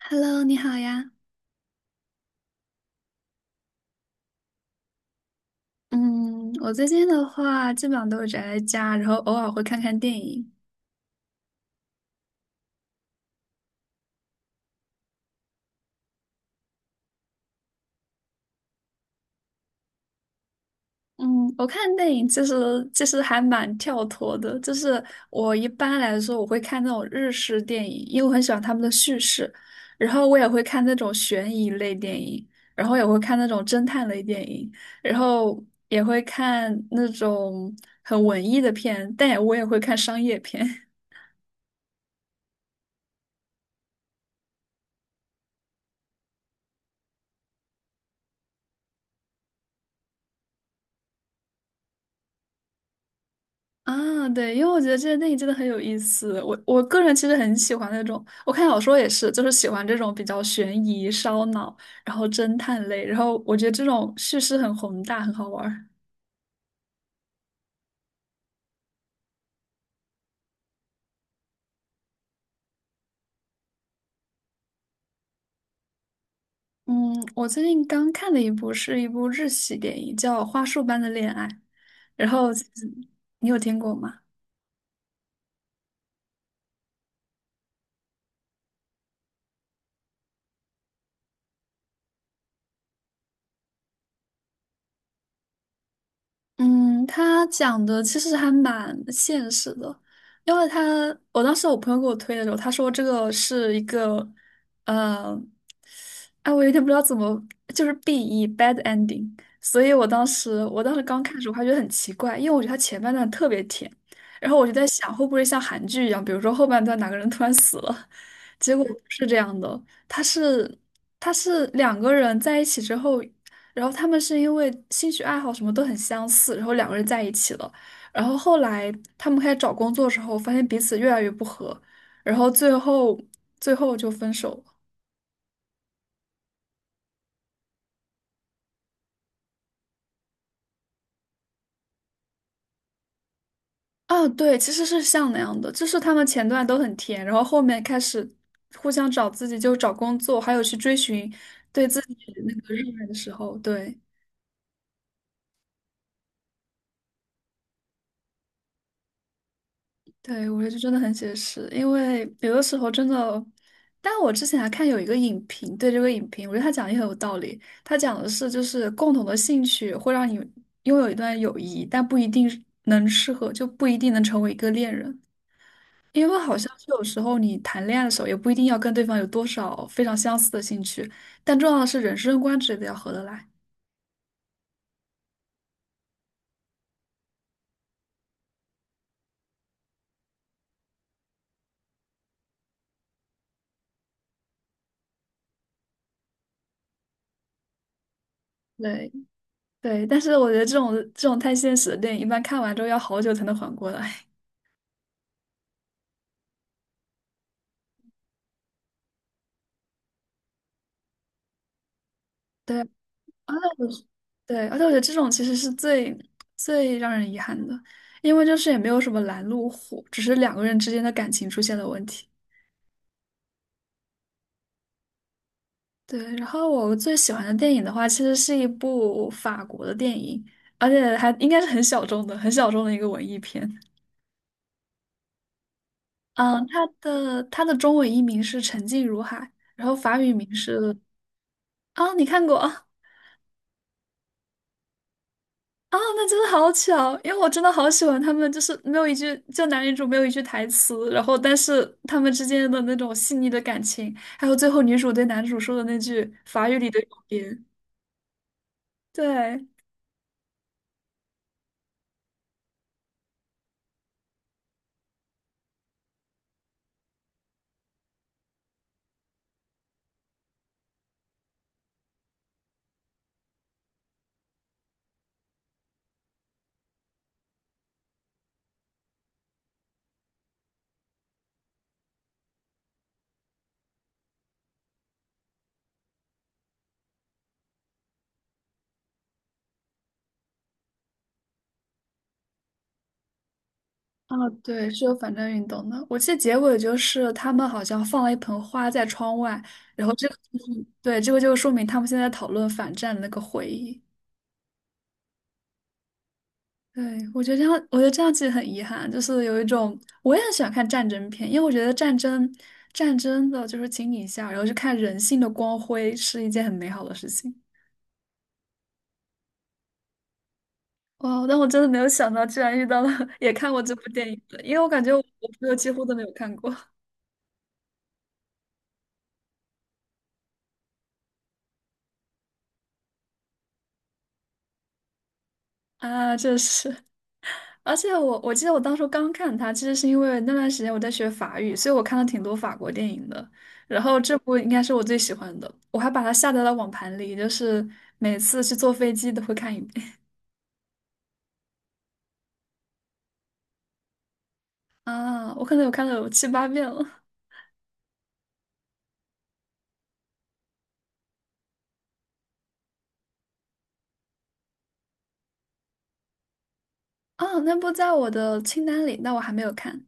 Hello，你好呀。嗯，我最近的话，基本上都是宅在家，然后偶尔会看看电影。嗯，我看电影其实还蛮跳脱的，就是我一般来说我会看那种日式电影，因为我很喜欢他们的叙事，然后我也会看那种悬疑类电影，然后也会看那种侦探类电影，然后也会看那种很文艺的片，但我也会看商业片。啊，对，因为我觉得这些电影真的很有意思。我个人其实很喜欢那种，我看小说也是，就是喜欢这种比较悬疑、烧脑，然后侦探类，然后我觉得这种叙事很宏大，很好玩儿。嗯，我最近刚看的一部是一部日系电影，叫《花束般的恋爱》，然后你有听过吗？嗯，他讲的其实还蛮现实的，因为他我当时我朋友给我推的时候，他说这个是一个，呃，哎，我有点不知道怎么，就是 BE bad ending,所以我当时刚看的时候还觉得很奇怪，因为我觉得他前半段特别甜，然后我就在想会不会像韩剧一样，比如说后半段哪个人突然死了，结果不是这样的，他是他是两个人在一起之后。然后他们是因为兴趣爱好什么都很相似，然后两个人在一起了。然后后来他们开始找工作的时候，发现彼此越来越不合，然后最后就分手了。啊，对，其实是像那样的，就是他们前段都很甜，然后后面开始互相找自己，就找工作，还有去追寻对自己那个热爱的时候，对。对，我觉得真的很写实，因为有的时候真的，但我之前还看有一个影评，对这个影评，我觉得他讲的也很有道理。他讲的是，就是共同的兴趣会让你拥有一段友谊，但不一定是能适合，就不一定能成为一个恋人，因为好像是有时候你谈恋爱的时候，也不一定要跟对方有多少非常相似的兴趣，但重要的是人生观之类的要合得来。对对，但是我觉得这种太现实的电影，一般看完之后要好久才能缓过来。对。而且我觉对，而且我觉得这种其实是最让人遗憾的，因为就是也没有什么拦路虎，只是两个人之间的感情出现了问题。对，然后我最喜欢的电影的话，其实是一部法国的电影，而且还应该是很小众的、很小众的一个文艺片。嗯，它的中文译名是《沉静如海》，然后法语名是。啊，你看过？啊，那真的好巧，因为我真的好喜欢他们，就是没有一句，就男女主没有一句台词，然后但是他们之间的那种细腻的感情，还有最后女主对男主说的那句法语里的永别，对。啊，对，是有反战运动的。我记得结尾就是他们好像放了一盆花在窗外，然后这个就是，对，这个就说明他们现在讨论反战的那个回忆。对，我觉得这样其实很遗憾，就是有一种我也很喜欢看战争片，因为我觉得战争的就是情一下，然后去看人性的光辉是一件很美好的事情。哇，但我真的没有想到，居然遇到了 也看过这部电影的，因为我感觉我朋友几乎都没有看过啊，这是。而且我记得我当初刚看它，其实是因为那段时间我在学法语，所以我看了挺多法国电影的。然后这部应该是我最喜欢的，我还把它下载到网盘里，就是每次去坐飞机都会看一遍 啊。我可能有看了有七八遍了啊。那部在我的清单里，但我还没有看。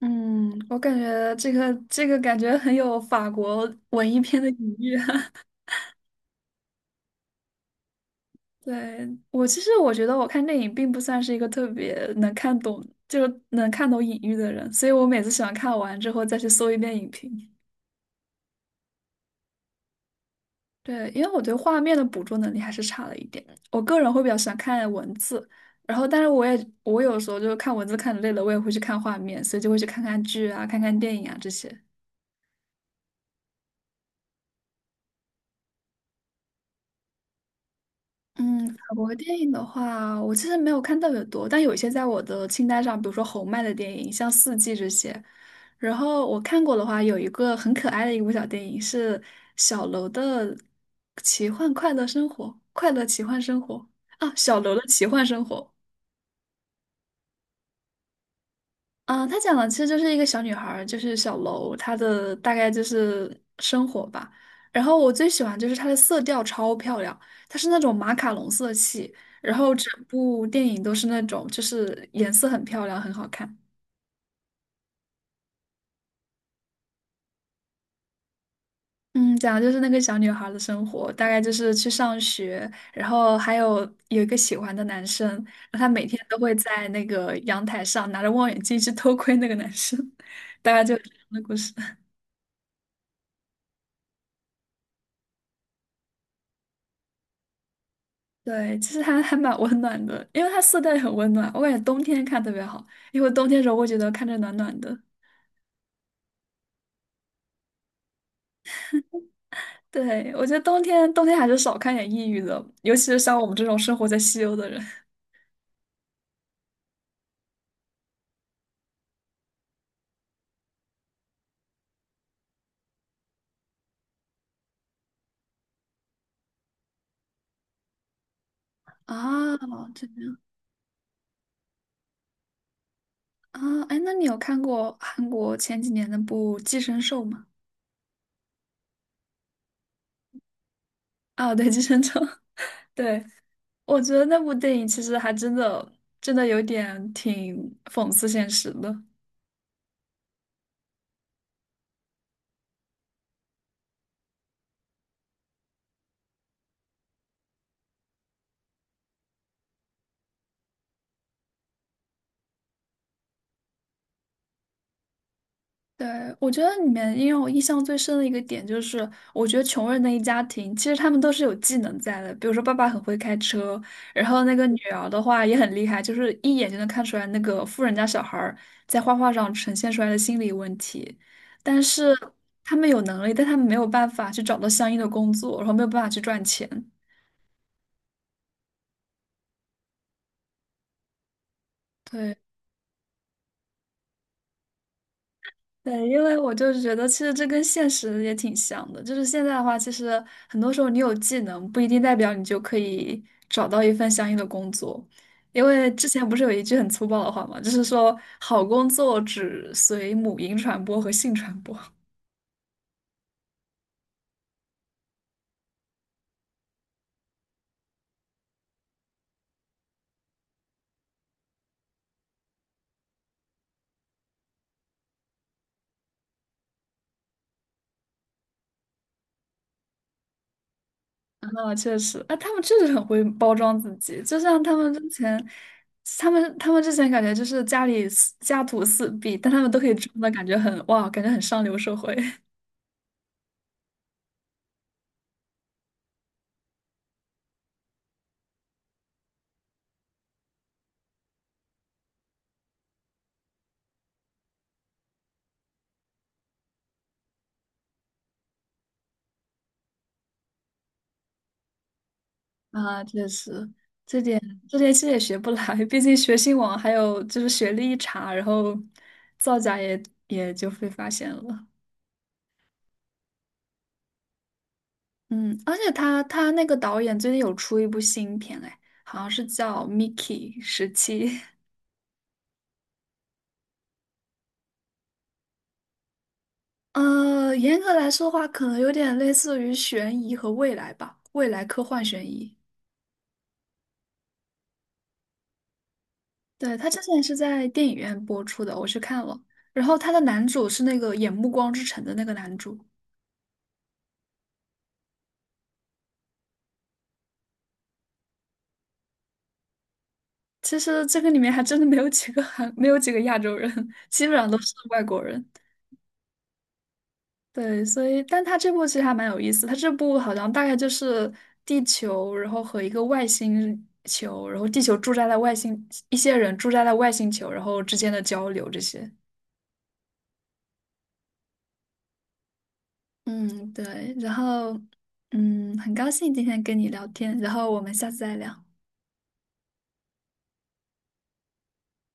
嗯，我感觉这个感觉很有法国文艺片的隐喻。对，我其实我觉得我看电影并不算是一个特别能看懂，就是能看懂隐喻的人，所以我每次喜欢看完之后再去搜一遍影评。对，因为我对画面的捕捉能力还是差了一点，我个人会比较喜欢看文字，然后但是我有时候就是看文字看得累了，我也会去看画面，所以就会去看看剧啊、看看电影啊这些。嗯，法国电影的话，我其实没有看特别多，但有一些在我的清单上，比如说侯麦的电影，像《四季》这些。然后我看过的话，有一个很可爱的一部小电影是小楼的《奇幻快乐生活》，快乐奇幻生活啊，小楼的奇幻生活。啊，他讲的其实就是一个小女孩儿，就是小楼，她的大概就是生活吧。然后我最喜欢就是它的色调超漂亮，它是那种马卡龙色系，然后整部电影都是那种就是颜色很漂亮，很好看。嗯，讲的就是那个小女孩的生活，大概就是去上学，然后还有一个喜欢的男生，然后她每天都会在那个阳台上拿着望远镜去偷窥那个男生，大概就是这样的故事。对，其实还蛮温暖的，因为它色调也很温暖，我感觉冬天看特别好，因为冬天的时候会觉得看着暖暖的。对，我觉得冬天还是少看点抑郁的，尤其是像我们这种生活在西欧的人。啊，这样啊，哎，那你有看过韩国前几年那部《寄生兽》吗？啊，对，《寄生虫》，对，我觉得那部电影其实还真的有点挺讽刺现实的。对，我觉得里面因为我印象最深的一个点就是，我觉得穷人的一家庭，其实他们都是有技能在的。比如说，爸爸很会开车，然后那个女儿的话也很厉害，就是一眼就能看出来那个富人家小孩儿在画画上呈现出来的心理问题。但是他们有能力，但他们没有办法去找到相应的工作，然后没有办法去赚钱。对。对，因为我就是觉得，其实这跟现实也挺像的。就是现在的话，其实很多时候你有技能，不一定代表你就可以找到一份相应的工作。因为之前不是有一句很粗暴的话嘛，就是说好工作只随母婴传播和性传播。啊，确实，啊，他们确实很会包装自己，就像他们之前，他们之前感觉就是家里四家徒四壁，但他们都可以装的感觉很哇，感觉很上流社会。啊，确实，这点这点其实也学不来，毕竟学信网还有就是学历一查，然后造假也就被发现了。嗯，而且他那个导演最近有出一部新片，哎，好像是叫《Mickey 17》。严格来说的话，可能有点类似于悬疑和未来吧，未来科幻悬疑。对，他之前是在电影院播出的，我去看了。然后他的男主是那个演《暮光之城》的那个男主。其实这个里面还真的没有几个韩，没有几个亚洲人，基本上都是外国人。对，所以，但他这部其实还蛮有意思。他这部好像大概就是地球，然后和一个外星球，然后地球驻扎在外星，一些人驻扎在外星球，然后之间的交流这些。嗯，对。然后，很高兴今天跟你聊天，然后我们下次再聊。